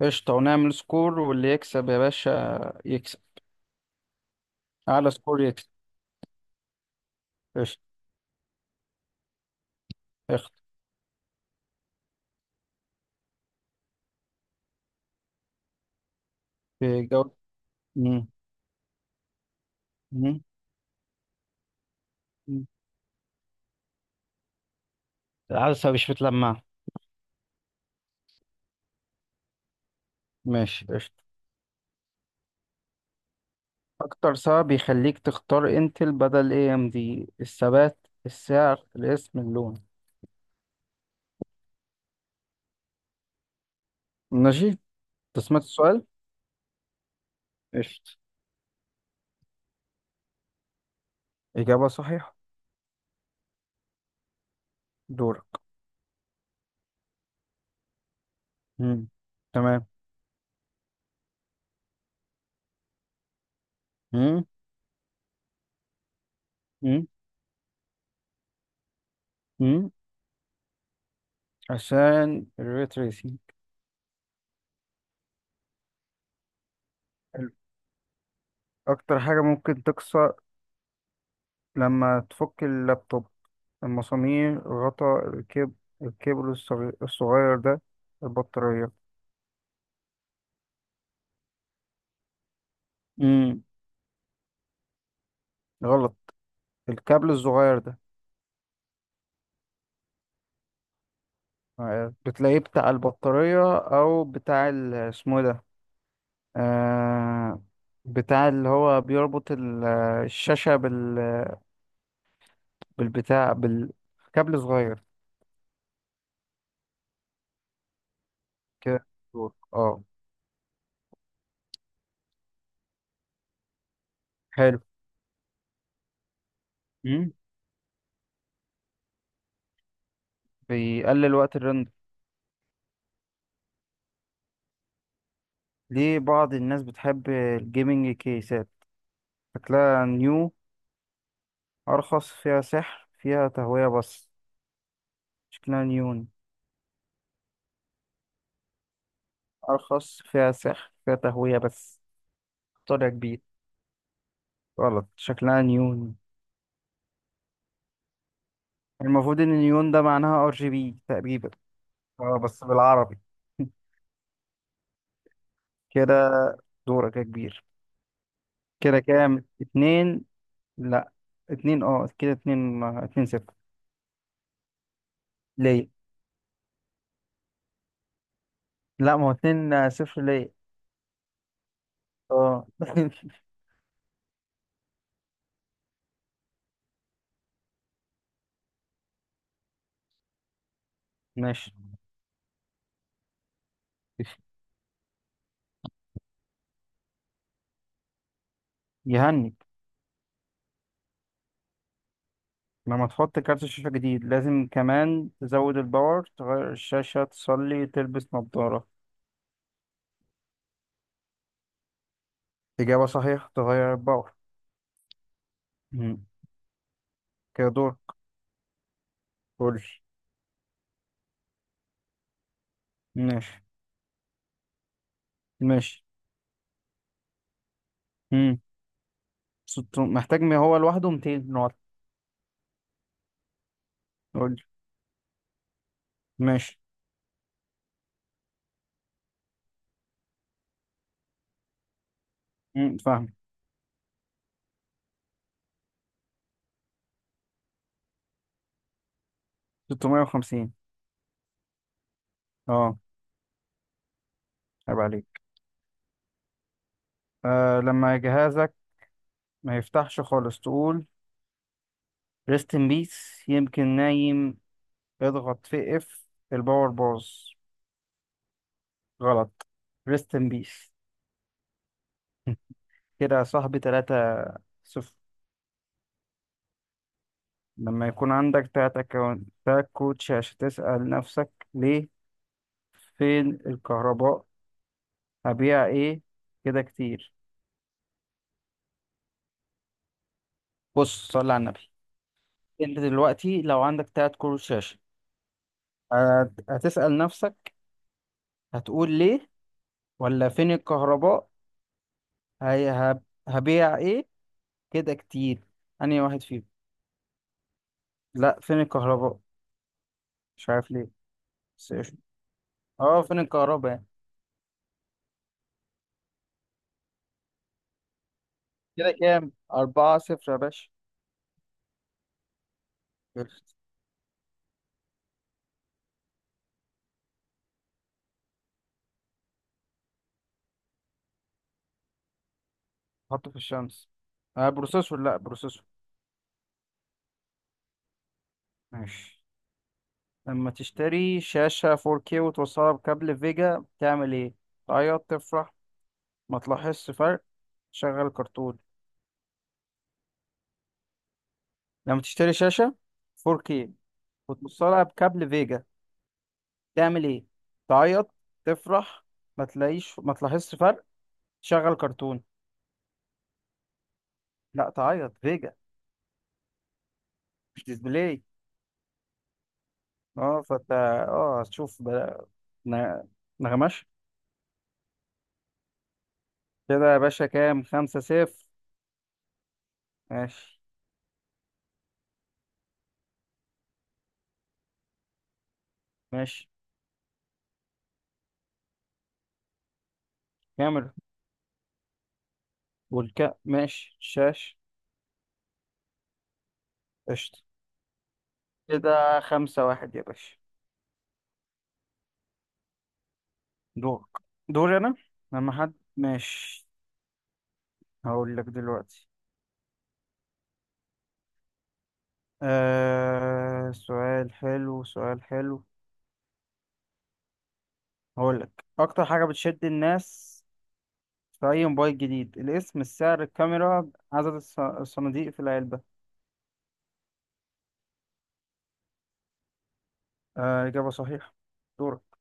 قشطة، ونعمل سكور، واللي يكسب يا باشا يكسب. أعلى سكور يكسب. قشطة. اخت. في جولة. مم. مم. مم. العدسة مش متلمعة. ماشي، قشطة. أكتر سبب بيخليك تختار انتل بدل اي ام دي؟ الثبات، السعر، الاسم، اللون؟ ماشي. أنت سمعت السؤال؟ قشطة. إجابة صحيحة. دورك. مم. تمام. مم. مم. مم. عشان الريتريسينج. أكتر حاجة ممكن تكسر لما تفك اللابتوب؟ المسامير، غطا، الكبل الصغير ده، البطارية؟ امم غلط. الكابل الصغير ده. آه، بتلاقيه بتاع البطارية أو بتاع اسمه إيه ده. آه، بتاع اللي هو بيربط الشاشة بالبتاع، بالكابل صغير. كده. اه. حلو. امم بيقلل وقت الرندر. ليه بعض الناس بتحب الجيمنج كيسات؟ شكلها نيو، أرخص، فيها سحر، فيها تهوية بس. شكلها نيون، أرخص، فيها سحر، فيها تهوية بس. اختار يا كبير. غلط، شكلها نيون. المفروض إن نيون ده معناها ار جي بي تقريبا. اه بس بالعربي. كده. دورك يا كبير. كده كام؟ اتنين، لا، اتنين، اه، كده، اتنين اتنين صفر. ليه؟ لا، ما هو اتنين، آه، صفر ليه. اه. ماشي. يهني. لما تحط كارت شاشة جديد لازم كمان تزود الباور، تغير الشاشة، تصلي، تلبس نظارة؟ إجابة صحيحة، تغير الباور. مم. كده دور. قولي. ماشي. ماشي. مم. محتاج، ما هو لوحده 200 نقط. قولي. ماشي. مم، فاهم. 650. اه. عيب عليك. آه، لما جهازك ما يفتحش خالص تقول؟ ريست ان بيس، يمكن نايم، اضغط في اف، الباور باظ؟ غلط، ريست ان بيس. كده يا صاحبي، تلاتة صفر. لما يكون عندك تلات أكونتات كوتش عشان تسأل نفسك ليه؟ فين الكهرباء؟ هبيع ايه؟ كده كتير؟ بص، صلي على النبي. انت دلوقتي لو عندك تلات كروت شاشة، هتسأل نفسك، هتقول ليه، ولا فين الكهرباء، هي هب- هبيع ايه، كده كتير، أنهي واحد فيهم؟ لا، فين الكهرباء. مش عارف ليه. بس قشطة. اه، فين الكهرباء يعني. كده كام، أربعة صفر يا باشا. حطه في الشمس. آه، بروسيسور، لا بروسيسور. ماشي. لما تشتري شاشة 4K وتوصلها بكابل فيجا تعمل ايه؟ تعيط، تفرح، ما تلاحظش فرق، تشغل كرتون؟ لما تشتري شاشة 4K وتوصلها بكابل فيجا تعمل ايه؟ تعيط، تفرح، ما تلاحظش فرق، تشغل كرتون؟ لا، تعيط، فيجا مش ديسبلاي. اه، فانت. اه، هتشوف بقى. ن- نغمش. كده يا باشا كام، خمسة صفر. ماشي. ماشي. كاميرا. والكا، ماشي، شاش. قشطة. كده خمسة واحد يا باشا. دورك. دوري أنا. لما حد ماشي هقول لك دلوقتي. آه، سؤال حلو، سؤال حلو. هقول لك أكتر حاجة بتشد الناس في أي موبايل جديد؟ الاسم، السعر، الكاميرا، عدد الصناديق في العلبة؟ آه، إجابة صحيحة. دورك.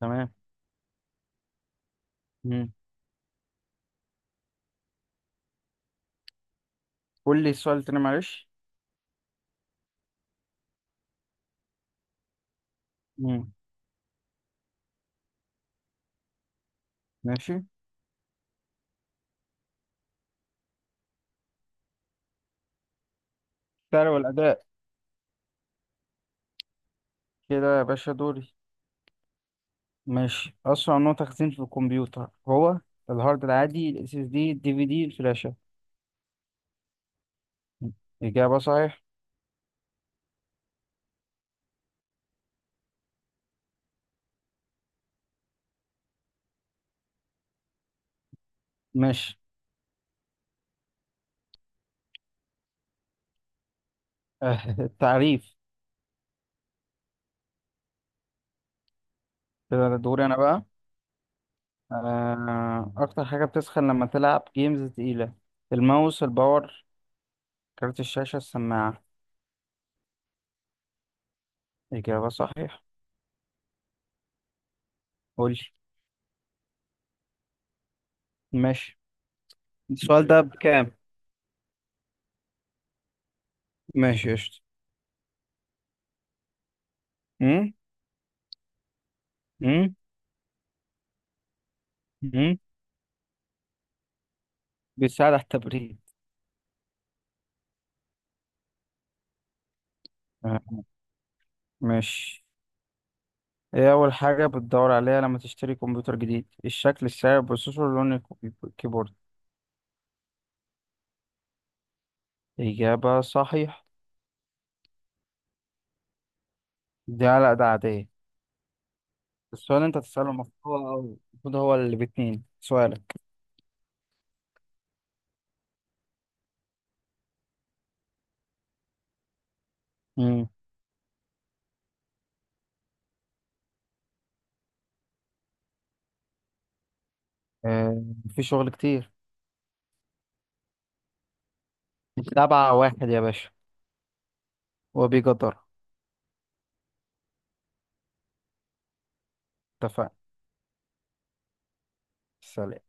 تمام. مم. قول لي السؤال تاني معلش. مم. ماشي. السعر والأداء. كده يا باشا دوري. ماشي. أسرع نوع تخزين في الكمبيوتر هو؟ الهارد العادي، ال SSD، ال DVD، الفلاشة؟ إجابة صحيح. ماشي. التعريف. كده دوري أنا بقى. آه، أكتر حاجة بتسخن لما تلعب جيمز تقيلة؟ الماوس، الباور، كارت الشاشة، السماعة؟ إجابة صحيح. قولي. ماشي. السؤال ده بكام؟ ماشي قشطة. أمم؟ أمم؟ أمم؟ بيساعد على التبريد. آه. ماشي. ايه اول حاجة بتدور عليها لما تشتري كمبيوتر جديد؟ الشكل، السعر، البروسيسور، لون الكيبورد؟ اجابة صحيح. دي على ده عادية. السؤال اللي انت تسأله المفروض. هو اللي باتنين سؤالك. امم آه، في شغل كتير. سبعة واحد يا باشا. وبيقدر. اتفقنا. سلام.